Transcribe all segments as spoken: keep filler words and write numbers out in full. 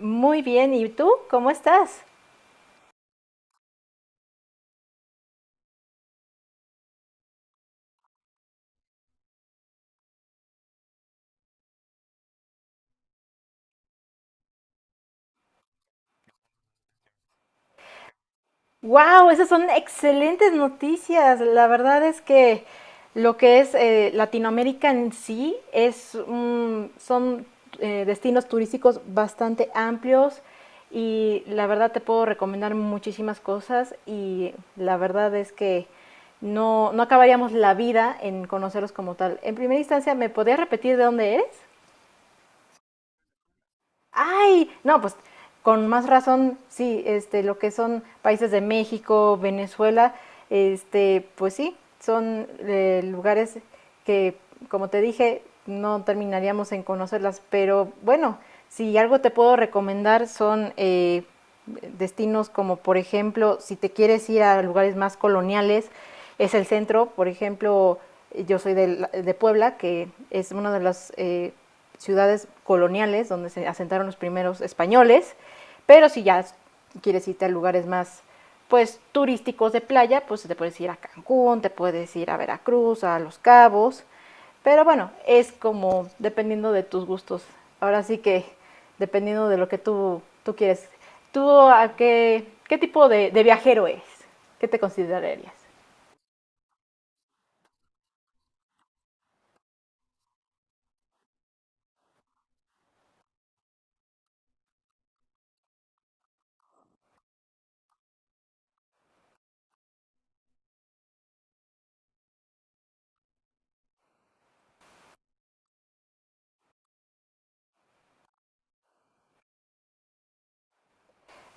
Muy bien, ¿y tú? ¿Cómo estás? ¡Wow! Esas son excelentes noticias. La verdad es que lo que es eh, Latinoamérica en sí es un- son eh, destinos turísticos bastante amplios, y la verdad te puedo recomendar muchísimas cosas, y la verdad es que no, no acabaríamos la vida en conocerlos como tal. En primera instancia, ¿me podrías repetir de dónde eres? Ay, no, pues con más razón, sí, este, lo que son países de México, Venezuela, este, pues sí, son eh, lugares que, como te dije, no terminaríamos en conocerlas, pero bueno, si algo te puedo recomendar son eh, destinos como, por ejemplo, si te quieres ir a lugares más coloniales, es el centro, por ejemplo, yo soy de, de Puebla, que es uno de los eh, ciudades coloniales donde se asentaron los primeros españoles, pero si ya quieres irte a lugares más pues turísticos de playa, pues te puedes ir a Cancún, te puedes ir a Veracruz, a Los Cabos, pero bueno, es como dependiendo de tus gustos. Ahora sí que dependiendo de lo que tú, tú quieres. ¿Tú a qué, qué tipo de, de viajero eres? ¿Qué te considerarías?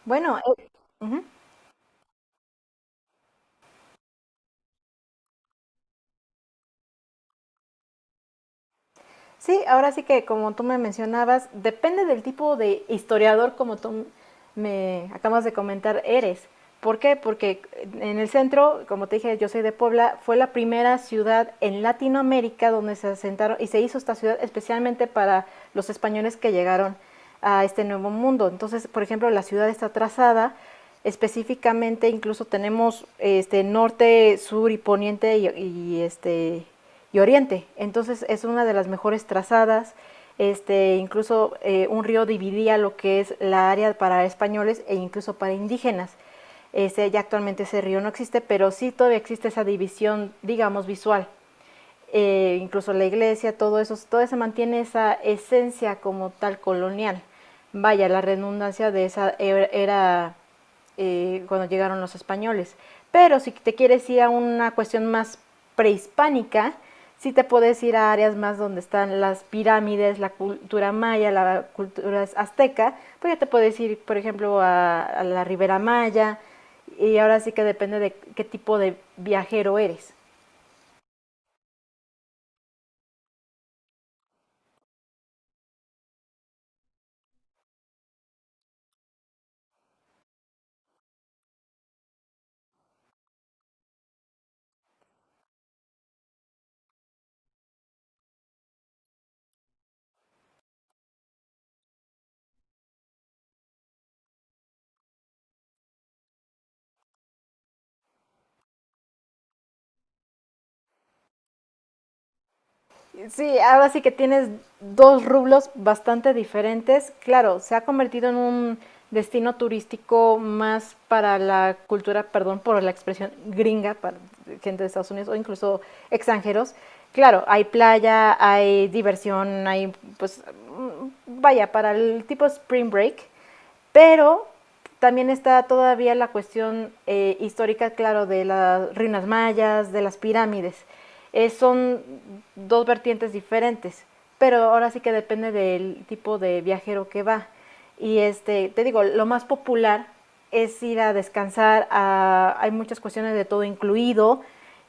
Bueno, eh, ujú. Sí, ahora sí que como tú me mencionabas, depende del tipo de historiador como tú me acabas de comentar eres. ¿Por qué? Porque en el centro, como te dije, yo soy de Puebla, fue la primera ciudad en Latinoamérica donde se asentaron y se hizo esta ciudad especialmente para los españoles que llegaron a este nuevo mundo. Entonces, por ejemplo, la ciudad está trazada específicamente, incluso tenemos este norte, sur y poniente y, y este y oriente. Entonces es una de las mejores trazadas. Este, incluso eh, un río dividía lo que es la área para españoles e incluso para indígenas. Este, ya actualmente ese río no existe, pero sí todavía existe esa división, digamos, visual, eh, incluso la iglesia, todo eso, todo se mantiene esa esencia como tal colonial. Vaya, la redundancia de esa er-, era eh, cuando llegaron los españoles. Pero si te quieres ir a una cuestión más prehispánica, sí te puedes ir a áreas más donde están las pirámides, la cultura maya, la cultura azteca, pues ya te puedes ir, por ejemplo, a, a la Ribera Maya, y ahora sí que depende de qué tipo de viajero eres. Sí, ahora sí que tienes dos rublos bastante diferentes. Claro, se ha convertido en un destino turístico más para la cultura, perdón por la expresión gringa, para gente de Estados Unidos o incluso extranjeros. Claro, hay playa, hay diversión, hay pues, mm, vaya, para el tipo spring break, pero también está todavía la cuestión eh, histórica, claro, de las ruinas mayas, de las pirámides. Eh, son dos vertientes diferentes, pero ahora sí que depende del tipo de viajero que va. Y este, te digo, lo más popular es ir a descansar, a, hay muchas cuestiones de todo incluido,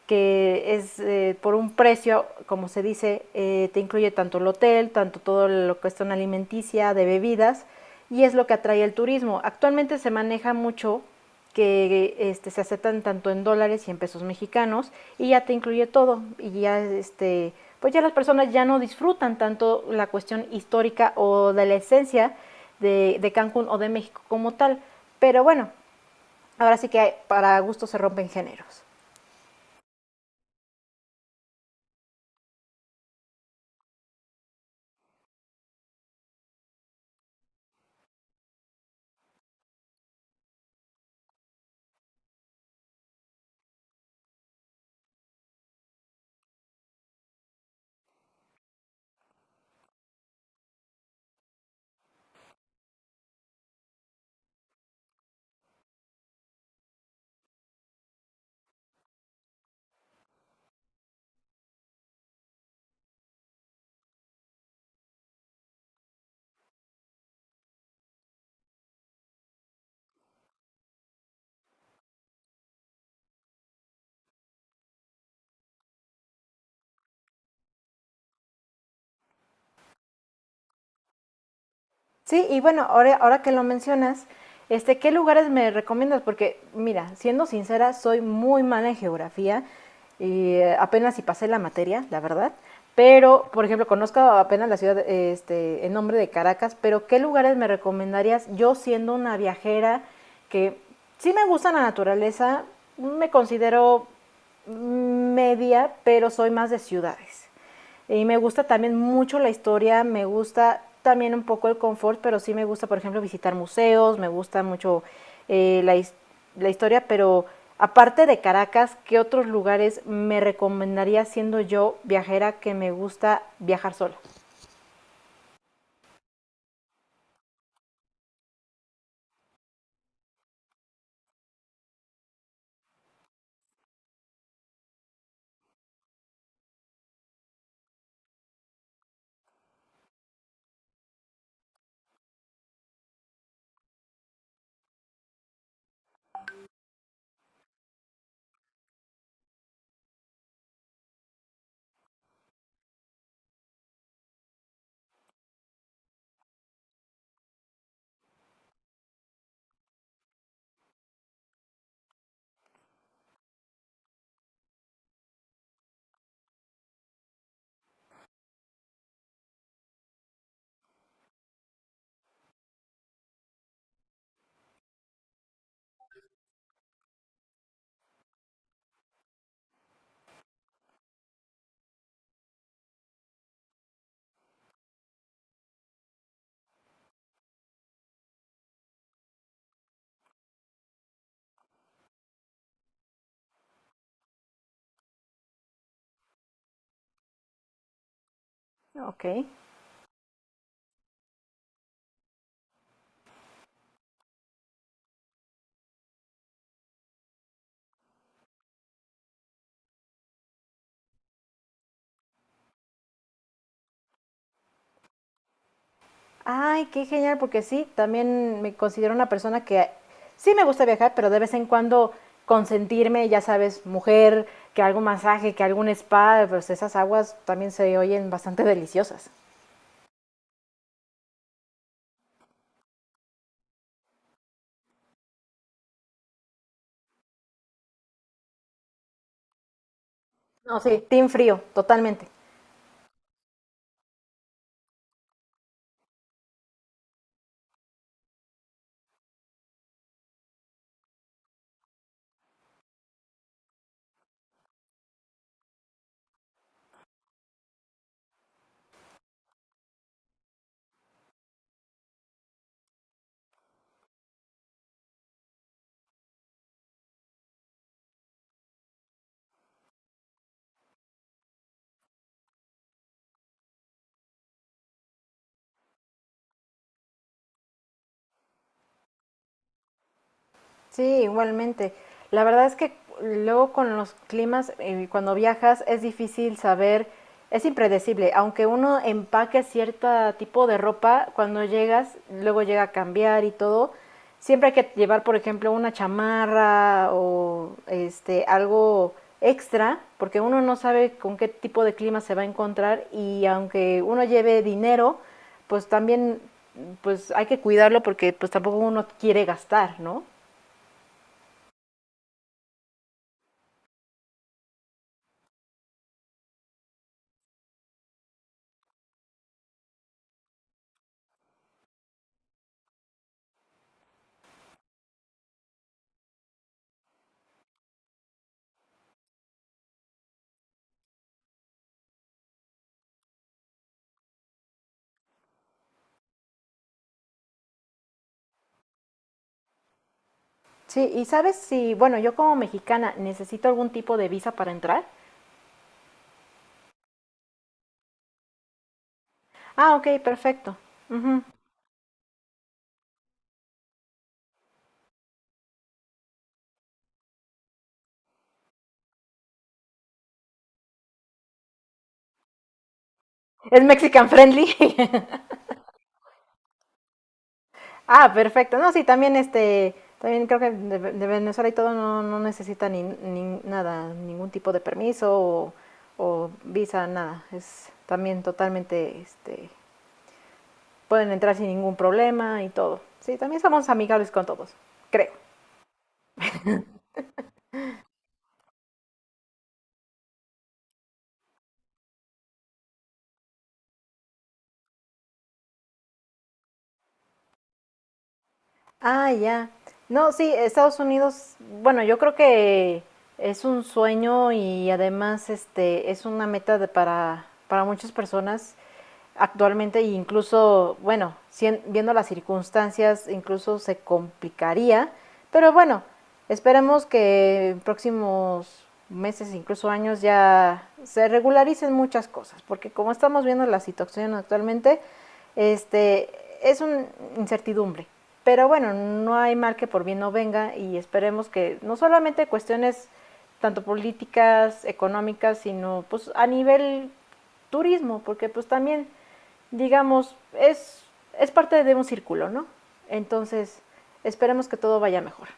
que es eh, por un precio, como se dice, eh, te incluye tanto el hotel, tanto todo lo que es zona alimenticia, de bebidas, y es lo que atrae el turismo. Actualmente se maneja mucho que este, se aceptan tanto en dólares y en pesos mexicanos, y ya te incluye todo, y ya este pues ya las personas ya no disfrutan tanto la cuestión histórica o de la esencia de, de Cancún o de México como tal. Pero bueno, ahora sí que hay, para gusto se rompen géneros. Sí, y bueno, ahora, ahora que lo mencionas, este, ¿qué lugares me recomiendas? Porque, mira, siendo sincera, soy muy mala en geografía y eh, apenas si pasé la materia, la verdad. Pero, por ejemplo, conozco apenas la ciudad, eh, este, el nombre de Caracas, pero ¿qué lugares me recomendarías yo siendo una viajera que sí me gusta la naturaleza, me considero media, pero soy más de ciudades? Y me gusta también mucho la historia, me gusta también un poco el confort, pero sí me gusta, por ejemplo, visitar museos, me gusta mucho eh, la, la historia, pero aparte de Caracas, ¿qué otros lugares me recomendaría siendo yo viajera que me gusta viajar sola? Ok. Ay, qué genial, porque sí, también me considero una persona que sí me gusta viajar, pero de vez en cuando consentirme, ya sabes, mujer, que algún masaje, que algún spa, pues esas aguas también se oyen bastante deliciosas. No, sí, team frío, totalmente. Sí, igualmente. La verdad es que luego con los climas, eh, cuando viajas, es difícil saber, es impredecible. Aunque uno empaque cierto tipo de ropa, cuando llegas, luego llega a cambiar y todo. Siempre hay que llevar, por ejemplo, una chamarra o este algo extra, porque uno no sabe con qué tipo de clima se va a encontrar, y aunque uno lleve dinero, pues también pues hay que cuidarlo porque pues tampoco uno quiere gastar, ¿no? Sí, y sabes si, bueno, yo como mexicana necesito algún tipo de visa para entrar. Ah, ok, perfecto. Ujú. Es Mexican friendly. Ah, perfecto. No, sí, también este, también creo que de, de Venezuela y todo no, no necesita ni, ni nada, ningún tipo de permiso o, o visa, nada. Es también totalmente, este, pueden entrar sin ningún problema y todo. Sí, también somos amigables con todos, creo. Ah, ya. No, sí, Estados Unidos, bueno, yo creo que es un sueño y además este es una meta de- para, para muchas personas actualmente e incluso, bueno, viendo las circunstancias, incluso se complicaría, pero bueno, esperemos que en próximos meses, incluso años, ya se regularicen muchas cosas, porque como estamos viendo la situación actualmente, este, es una incertidumbre. Pero bueno, no hay mal que por bien no venga y esperemos que no solamente cuestiones tanto políticas, económicas, sino pues a nivel turismo, porque pues también digamos, es, es parte de un círculo, ¿no? Entonces, esperemos que todo vaya mejor.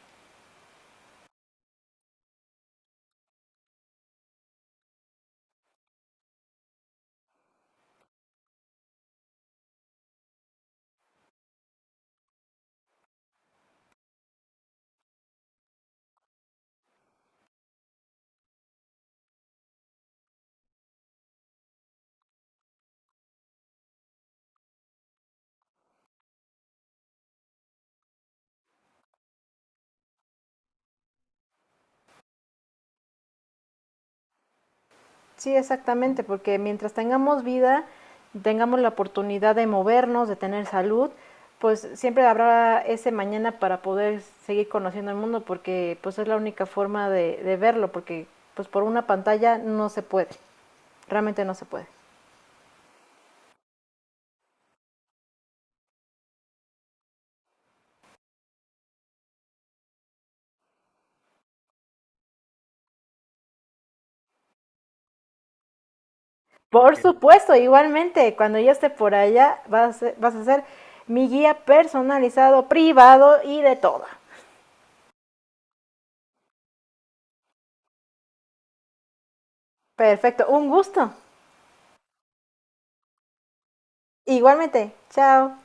Sí, exactamente, porque mientras tengamos vida, tengamos la oportunidad de movernos, de tener salud, pues siempre habrá ese mañana para poder seguir conociendo el mundo, porque pues es la única forma de, de verlo, porque pues por una pantalla no se puede, realmente no se puede. Por supuesto, igualmente, cuando ya esté por allá, vas, a ser, vas a ser mi guía personalizado, privado y de todo. Perfecto, un gusto. Igualmente, chao.